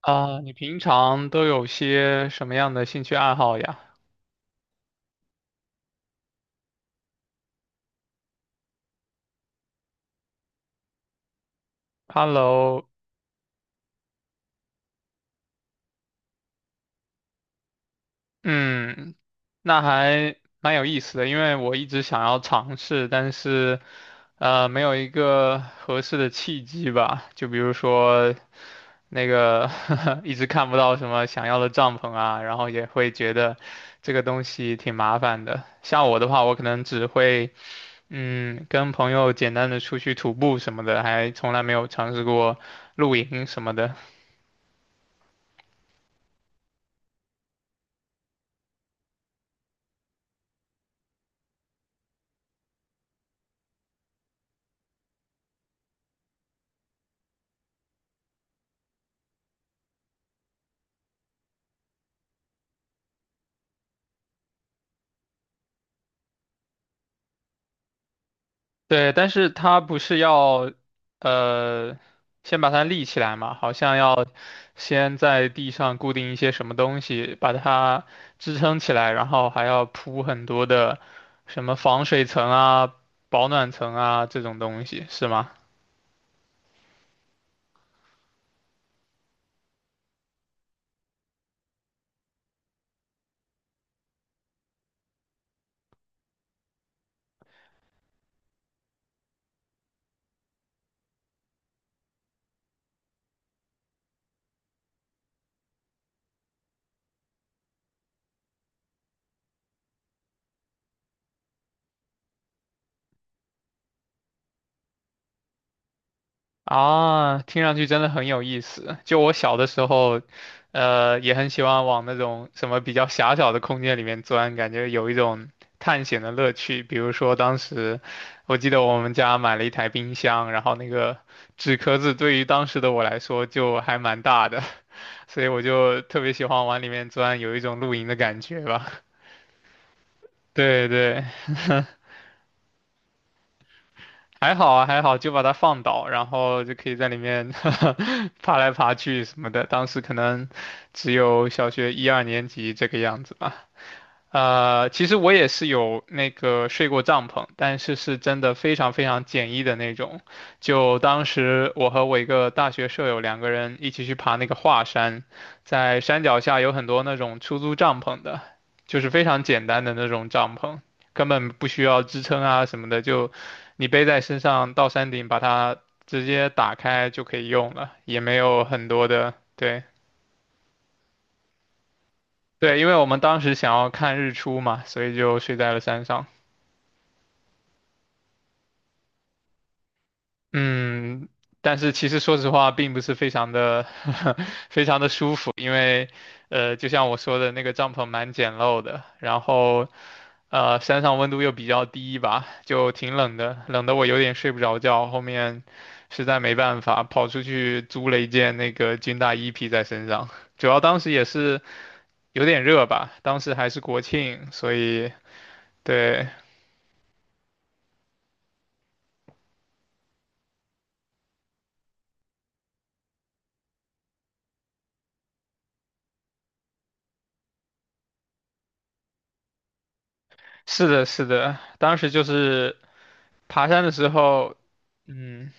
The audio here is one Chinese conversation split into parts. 啊，你平常都有些什么样的兴趣爱好呀？Hello，嗯，那还蛮有意思的，因为我一直想要尝试，但是没有一个合适的契机吧。就比如说那个 一直看不到什么想要的帐篷啊，然后也会觉得这个东西挺麻烦的。像我的话，我可能只会。嗯，跟朋友简单的出去徒步什么的，还从来没有尝试过露营什么的。对，但是它不是要，呃，先把它立起来嘛，好像要先在地上固定一些什么东西，把它支撑起来，然后还要铺很多的什么防水层啊、保暖层啊这种东西，是吗？啊，听上去真的很有意思。就我小的时候，也很喜欢往那种什么比较狭小的空间里面钻，感觉有一种探险的乐趣。比如说，当时我记得我们家买了一台冰箱，然后那个纸壳子对于当时的我来说就还蛮大的，所以我就特别喜欢往里面钻，有一种露营的感觉吧。对对。还好啊，还好，就把它放倒，然后就可以在里面 爬来爬去什么的。当时可能只有小学一二年级这个样子吧。其实我也是有那个睡过帐篷，但是是真的非常非常简易的那种。就当时我和我一个大学舍友两个人一起去爬那个华山，在山脚下有很多那种出租帐篷的，就是非常简单的那种帐篷，根本不需要支撑啊什么的，就你背在身上到山顶把它直接打开就可以用了，也没有很多的，对对，因为我们当时想要看日出嘛，所以就睡在了山上。嗯，但是其实说实话，并不是非常的 非常的舒服，因为就像我说的，那个帐篷蛮简陋的，然后山上温度又比较低吧，就挺冷的，冷得我有点睡不着觉。后面实在没办法，跑出去租了一件那个军大衣披在身上，主要当时也是有点热吧，当时还是国庆，所以对，是的，是的，当时就是爬山的时候。嗯，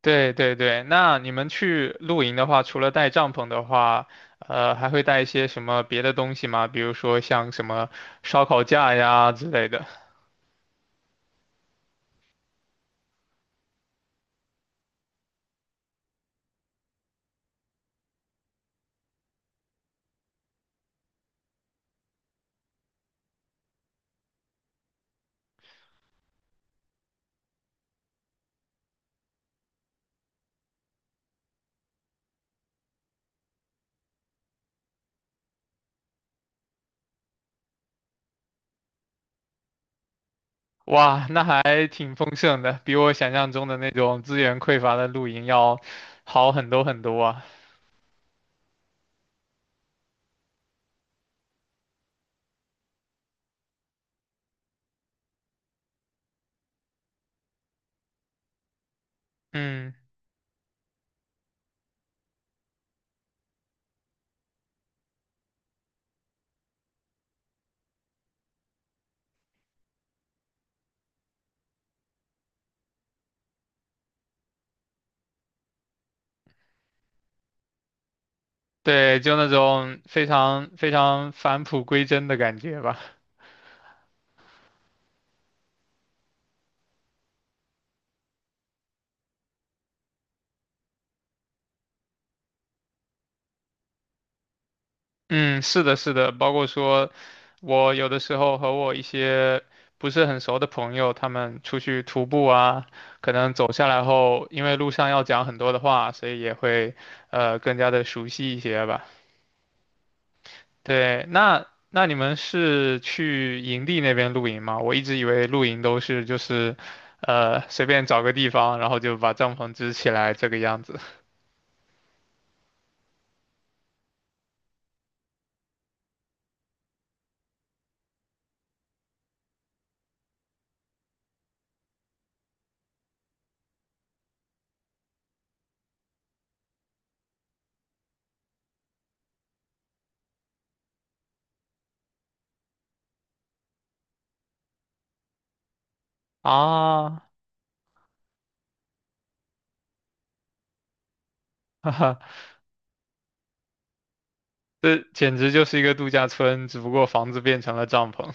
对对对，那你们去露营的话，除了带帐篷的话，还会带一些什么别的东西吗？比如说像什么烧烤架呀之类的。哇，那还挺丰盛的，比我想象中的那种资源匮乏的露营要好很多很多啊。嗯，对，就那种非常非常返璞归真的感觉吧。嗯，是的，是的，包括说，我有的时候和我一些不是很熟的朋友，他们出去徒步啊，可能走下来后，因为路上要讲很多的话，所以也会更加的熟悉一些吧。对，那你们是去营地那边露营吗？我一直以为露营都是就是随便找个地方，然后就把帐篷支起来这个样子啊，哈哈，这简直就是一个度假村，只不过房子变成了帐篷。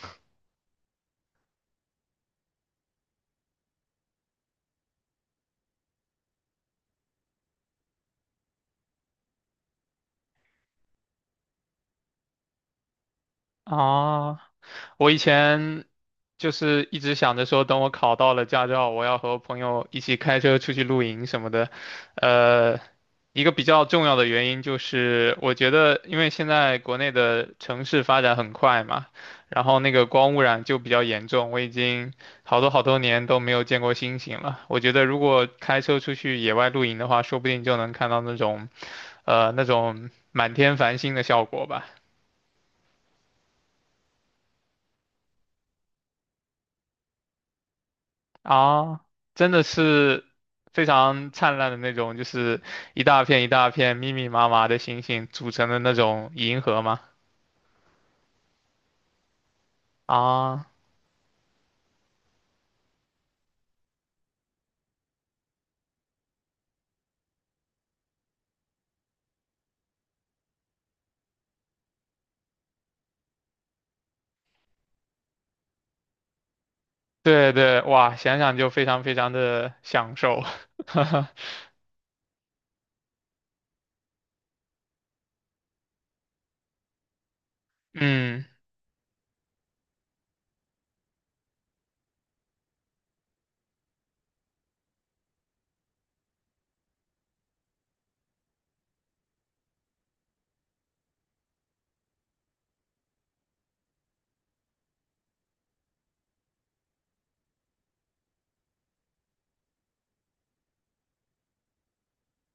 啊，我以前就是一直想着说，等我考到了驾照，我要和朋友一起开车出去露营什么的。呃，一个比较重要的原因就是，我觉得因为现在国内的城市发展很快嘛，然后那个光污染就比较严重，我已经好多好多年都没有见过星星了。我觉得如果开车出去野外露营的话，说不定就能看到那种，那种满天繁星的效果吧。啊，真的是非常灿烂的那种，就是一大片一大片密密麻麻的星星组成的那种银河吗？啊，对对，哇，想想就非常非常的享受。嗯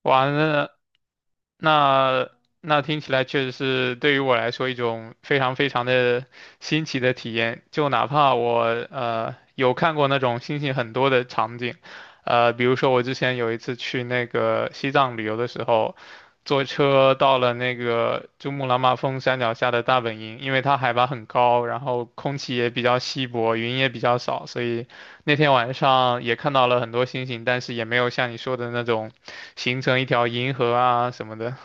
哇，那那听起来确实是对于我来说一种非常非常的新奇的体验。就哪怕我有看过那种星星很多的场景，比如说我之前有一次去那个西藏旅游的时候，坐车到了那个珠穆朗玛峰山脚下的大本营，因为它海拔很高，然后空气也比较稀薄，云也比较少，所以那天晚上也看到了很多星星，但是也没有像你说的那种。形成一条银河啊什么的。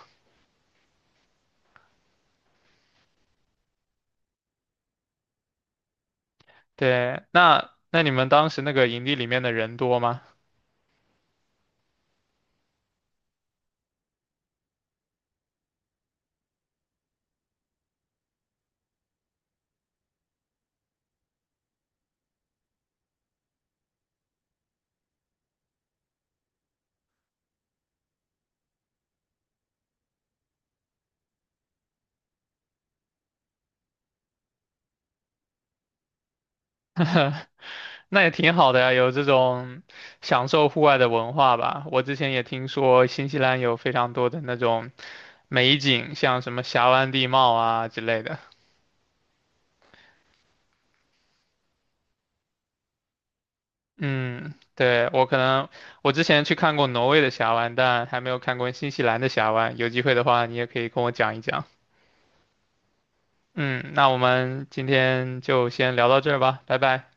对，那你们当时那个营地里面的人多吗？那也挺好的呀，有这种享受户外的文化吧。我之前也听说新西兰有非常多的那种美景，像什么峡湾地貌啊之类的。嗯，对，我可能我之前去看过挪威的峡湾，但还没有看过新西兰的峡湾。有机会的话，你也可以跟我讲一讲。嗯，那我们今天就先聊到这儿吧，拜拜。